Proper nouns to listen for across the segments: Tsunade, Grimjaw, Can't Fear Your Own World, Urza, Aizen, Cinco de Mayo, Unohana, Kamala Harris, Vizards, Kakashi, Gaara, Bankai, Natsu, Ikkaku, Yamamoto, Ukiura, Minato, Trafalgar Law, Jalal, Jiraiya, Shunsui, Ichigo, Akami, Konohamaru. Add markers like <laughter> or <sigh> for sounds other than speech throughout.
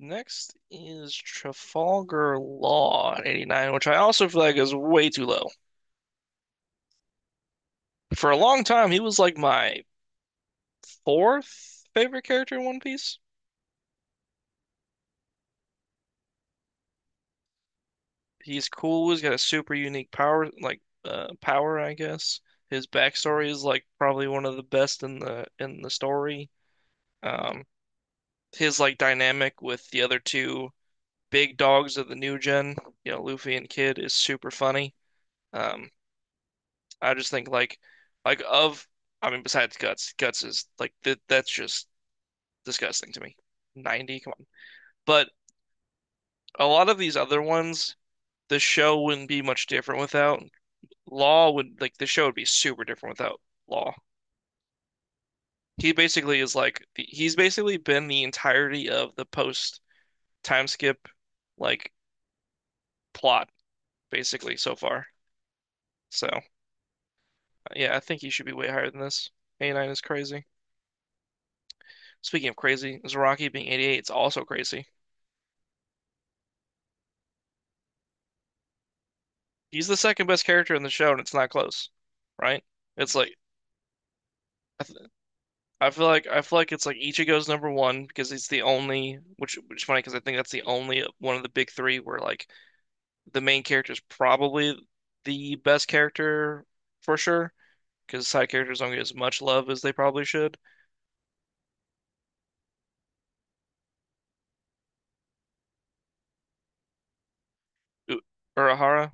Next is Trafalgar Law at 89, which I also feel like is way too low. For a long time, he was like my fourth favorite character in One Piece. He's cool. He's got a super unique power, like power, I guess. His backstory is like probably one of the best in the story. Um, his like dynamic with the other two big dogs of the new gen, you know, Luffy and Kid, is super funny. Um, I just think like of I mean besides guts, guts is like th that's just disgusting to me. 90, come on. But a lot of these other ones, the show wouldn't be much different without Law would like the show would be super different without Law. He basically is like he's basically been the entirety of the post time skip like plot basically so far. So yeah, I think he should be way higher than this. 89 is crazy. Speaking of crazy, Zaraki being 88 is also crazy. He's the second best character in the show, and it's not close, right? It's like I, th I feel like it's like Ichigo's number one because he's the only, which is funny because I think that's the only one of the big three where like the main character is probably the best character for sure because side characters don't get as much love as they probably should. U- Urahara,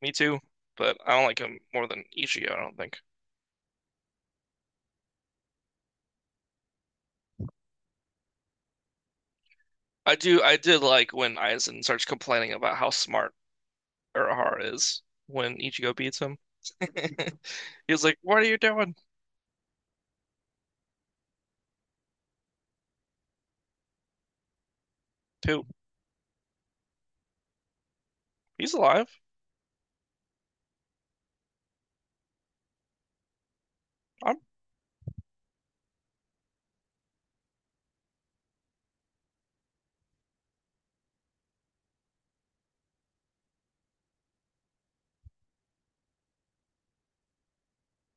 me too, but I don't like him more than Ichigo, I don't think. I do I did like when Aizen starts complaining about how smart Urahara is when Ichigo beats him. <laughs> He was like, "What are you doing?" Dude, he's alive. I'm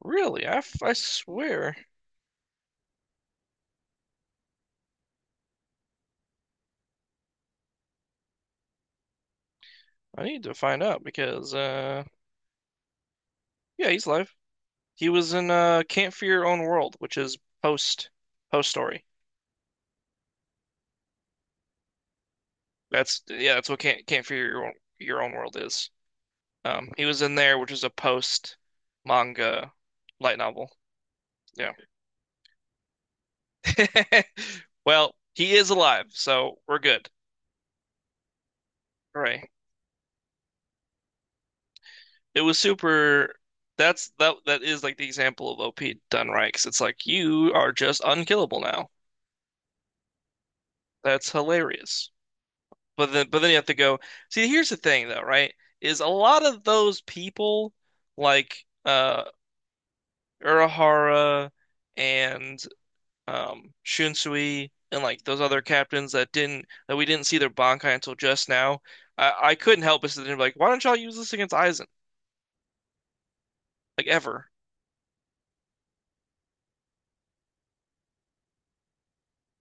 really, I swear, I need to find out because, yeah, he's alive. He was in Can't Fear Your Own World, which is post post story. That's yeah, that's what Can't Fear Your Own, Your Own World is. He was in there, which is a post manga light novel. Yeah. <laughs> Well, he is alive, so we're good. Hooray. It was super. That's that is like the example of OP done right, 'cause it's like you are just unkillable now. That's hilarious. But then you have to go. See, here's the thing though, right? Is a lot of those people like Urahara and Shunsui and like those other captains that didn't that we didn't see their Bankai until just now. I couldn't help but to be like, why don't y'all use this against Aizen? Like ever.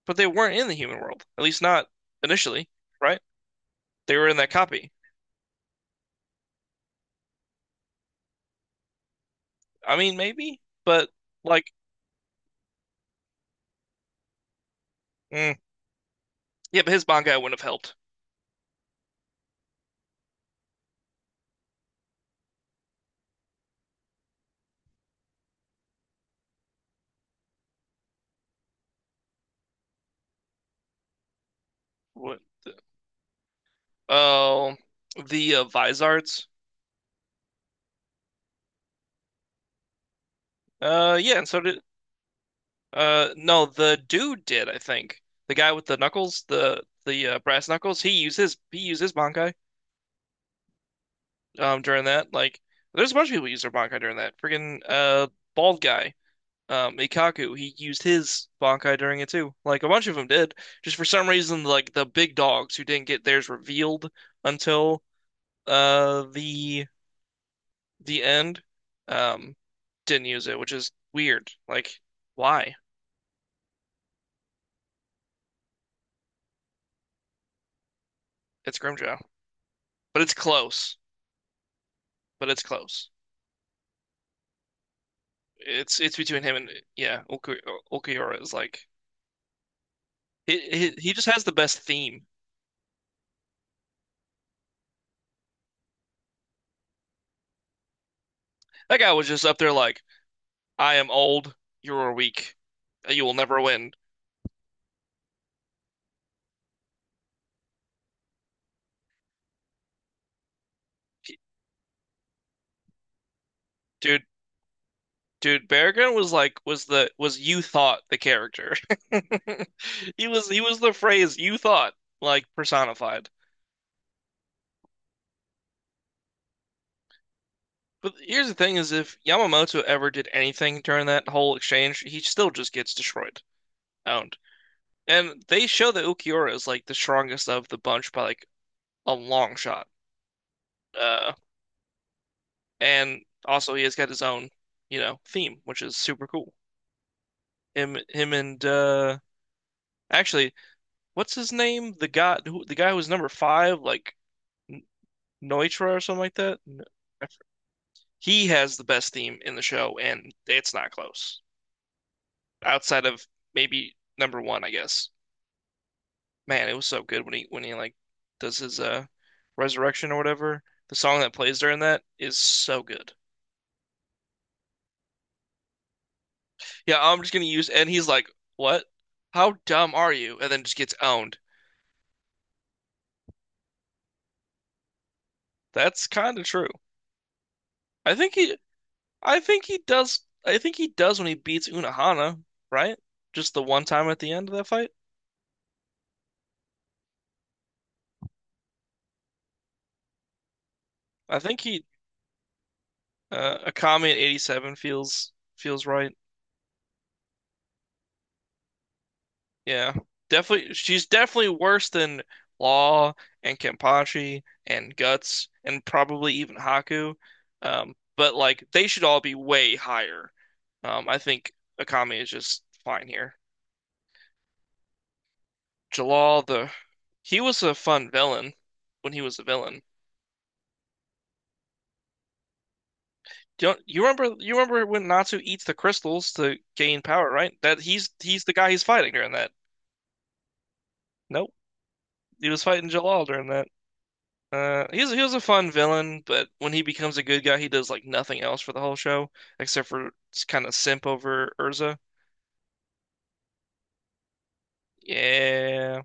But they weren't in the human world, at least not initially, right? They were in that copy. I mean, maybe, but like, mm, yeah, but his Bangai wouldn't have helped. What? Oh, the Vizards. Yeah, and so did no, the dude did, I think. The guy with the knuckles, the brass knuckles, he used his Bankai during that. Like, there's a bunch of people who use their Bankai during that. Freaking bald guy Ikkaku, he used his Bankai during it too. Like a bunch of them did. Just for some reason, like the big dogs who didn't get theirs revealed until uh the the end, um, didn't use it, which is weird. Like, why? It's Grimjaw, but it's close. But it's close. It's between him and yeah, Okuhara is like he just has the best theme. That guy was just up there like, I am old, you are weak, you will never win. Dude, Dude, Bear Grylls was like was the was you thought the character. <laughs> He was the phrase you thought like personified. But here's the thing is if Yamamoto ever did anything during that whole exchange, he still just gets destroyed. Owned. And they show that Ukiura is like the strongest of the bunch by like a long shot. Uh and also he has got his own, you know, theme, which is super cool. Him and actually, what's his name? The guy who was number five, like Neutra or something like that. No. He has the best theme in the show, and it's not close. Outside of maybe number one, I guess. Man, it was so good when he like does his resurrection or whatever. The song that plays during that is so good. Yeah, I'm just gonna use and he's like, "What? How dumb are you?" And then just gets owned. That's kind of true. I think he, I think he does. I think he does when he beats Unohana, right? Just the one time at the end of that fight. I think he Akami at 87 feels right. Yeah. Definitely she's definitely worse than Law and Kenpachi and Guts and probably even Haku. But like they should all be way higher. I think Akami is just fine here. Jalal the he was a fun villain when he was a villain. Do you, you remember when Natsu eats the crystals to gain power, right? That he's the guy he's fighting during that. Nope. He was fighting Jalal during that. He was a fun villain, but when he becomes a good guy, he does like nothing else for the whole show except for kind of simp over Urza. Yeah.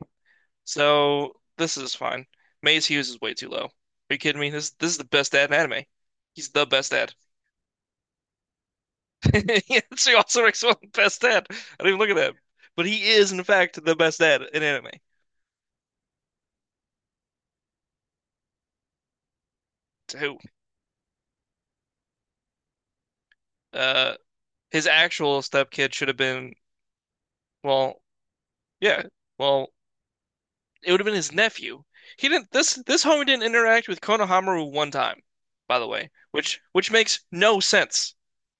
So this is fine. Maze Hughes is way too low. Are you kidding me? This is the best dad in anime. He's the best dad. <laughs> Yeah, so he also makes one the best dad. I didn't even look at that. But he is in fact the best dad in anime. To who? Uh, his actual stepkid should have been well, yeah. Well, it would have been his nephew. He didn't. This homie didn't interact with Konohamaru one time, by the way, which makes no sense.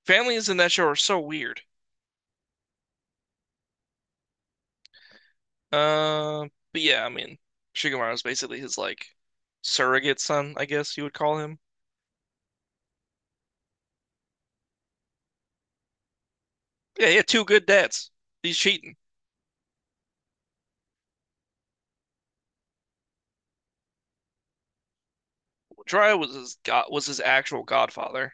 Families in that show are so weird. Uh, but yeah, I mean, Shigemaru is basically his like surrogate son, I guess you would call him. Yeah, he had two good dads. He's cheating. Jiraiya was his actual godfather.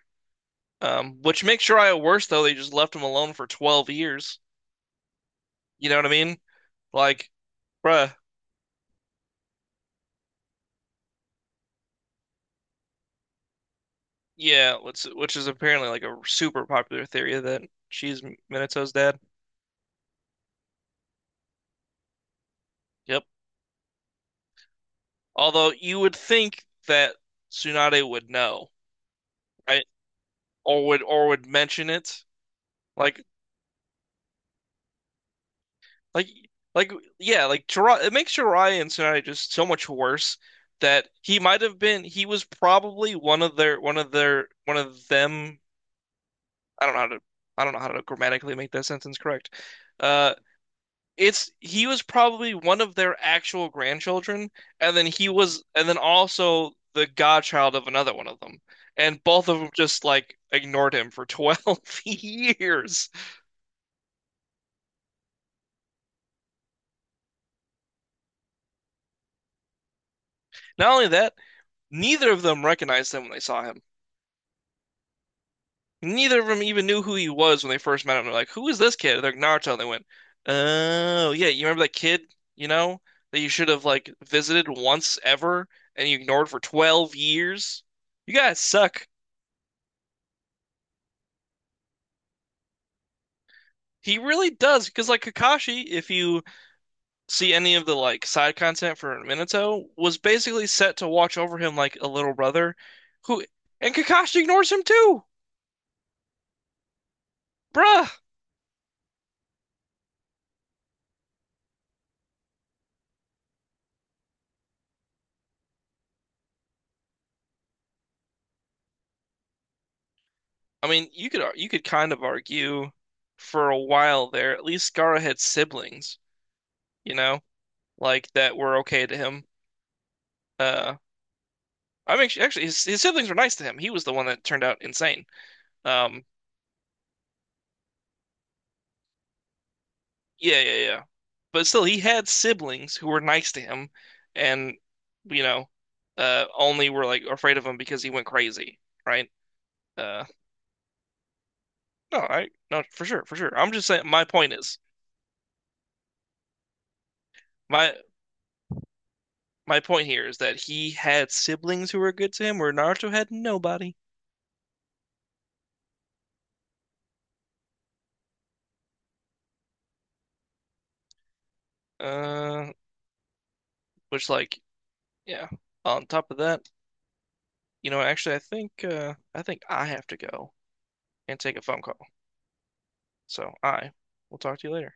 Which makes Jiraiya worse though. They just left him alone for 12 years. You know what I mean? Like, bruh, yeah, which is apparently like a super popular theory that she's Minato's dad. Yep. Although you would think that Tsunade would know, right? Or would mention it. Like like like yeah, like Jiraiya, it makes Jiraiya and Tsunade just so much worse that he might have been he was probably one of their one of them I don't know how to I don't know how to grammatically make that sentence correct. Uh it's he was probably one of their actual grandchildren, and then he was, and then also the godchild of another one of them. And both of them just like ignored him for 12 <laughs> years. Not only that, neither of them recognized him when they saw him. Neither of them even knew who he was when they first met him. They're like, "Who is this kid?" They're like, Naruto. And they went, "Oh, yeah, you remember that kid, you know, that you should have like visited once ever and you ignored for 12 years? You guys suck." He really does, because like Kakashi, if you see any of the like side content for Minato, was basically set to watch over him like a little brother, who and Kakashi ignores him too, bruh. I mean, you could kind of argue for a while there. At least Gaara had siblings, you know, like that were okay to him. Uh, I mean, actually, his siblings were nice to him. He was the one that turned out insane. Um, Yeah, yeah, yeah. But still, he had siblings who were nice to him, and you know, only were like afraid of him because he went crazy, right? Uh, no, I no for sure, for sure. I'm just saying. My my point here is that he had siblings who were good to him, where Naruto had nobody. Uh, which like, yeah. On top of that, you know, actually, I think I have to go and take a phone call. So I will talk to you later.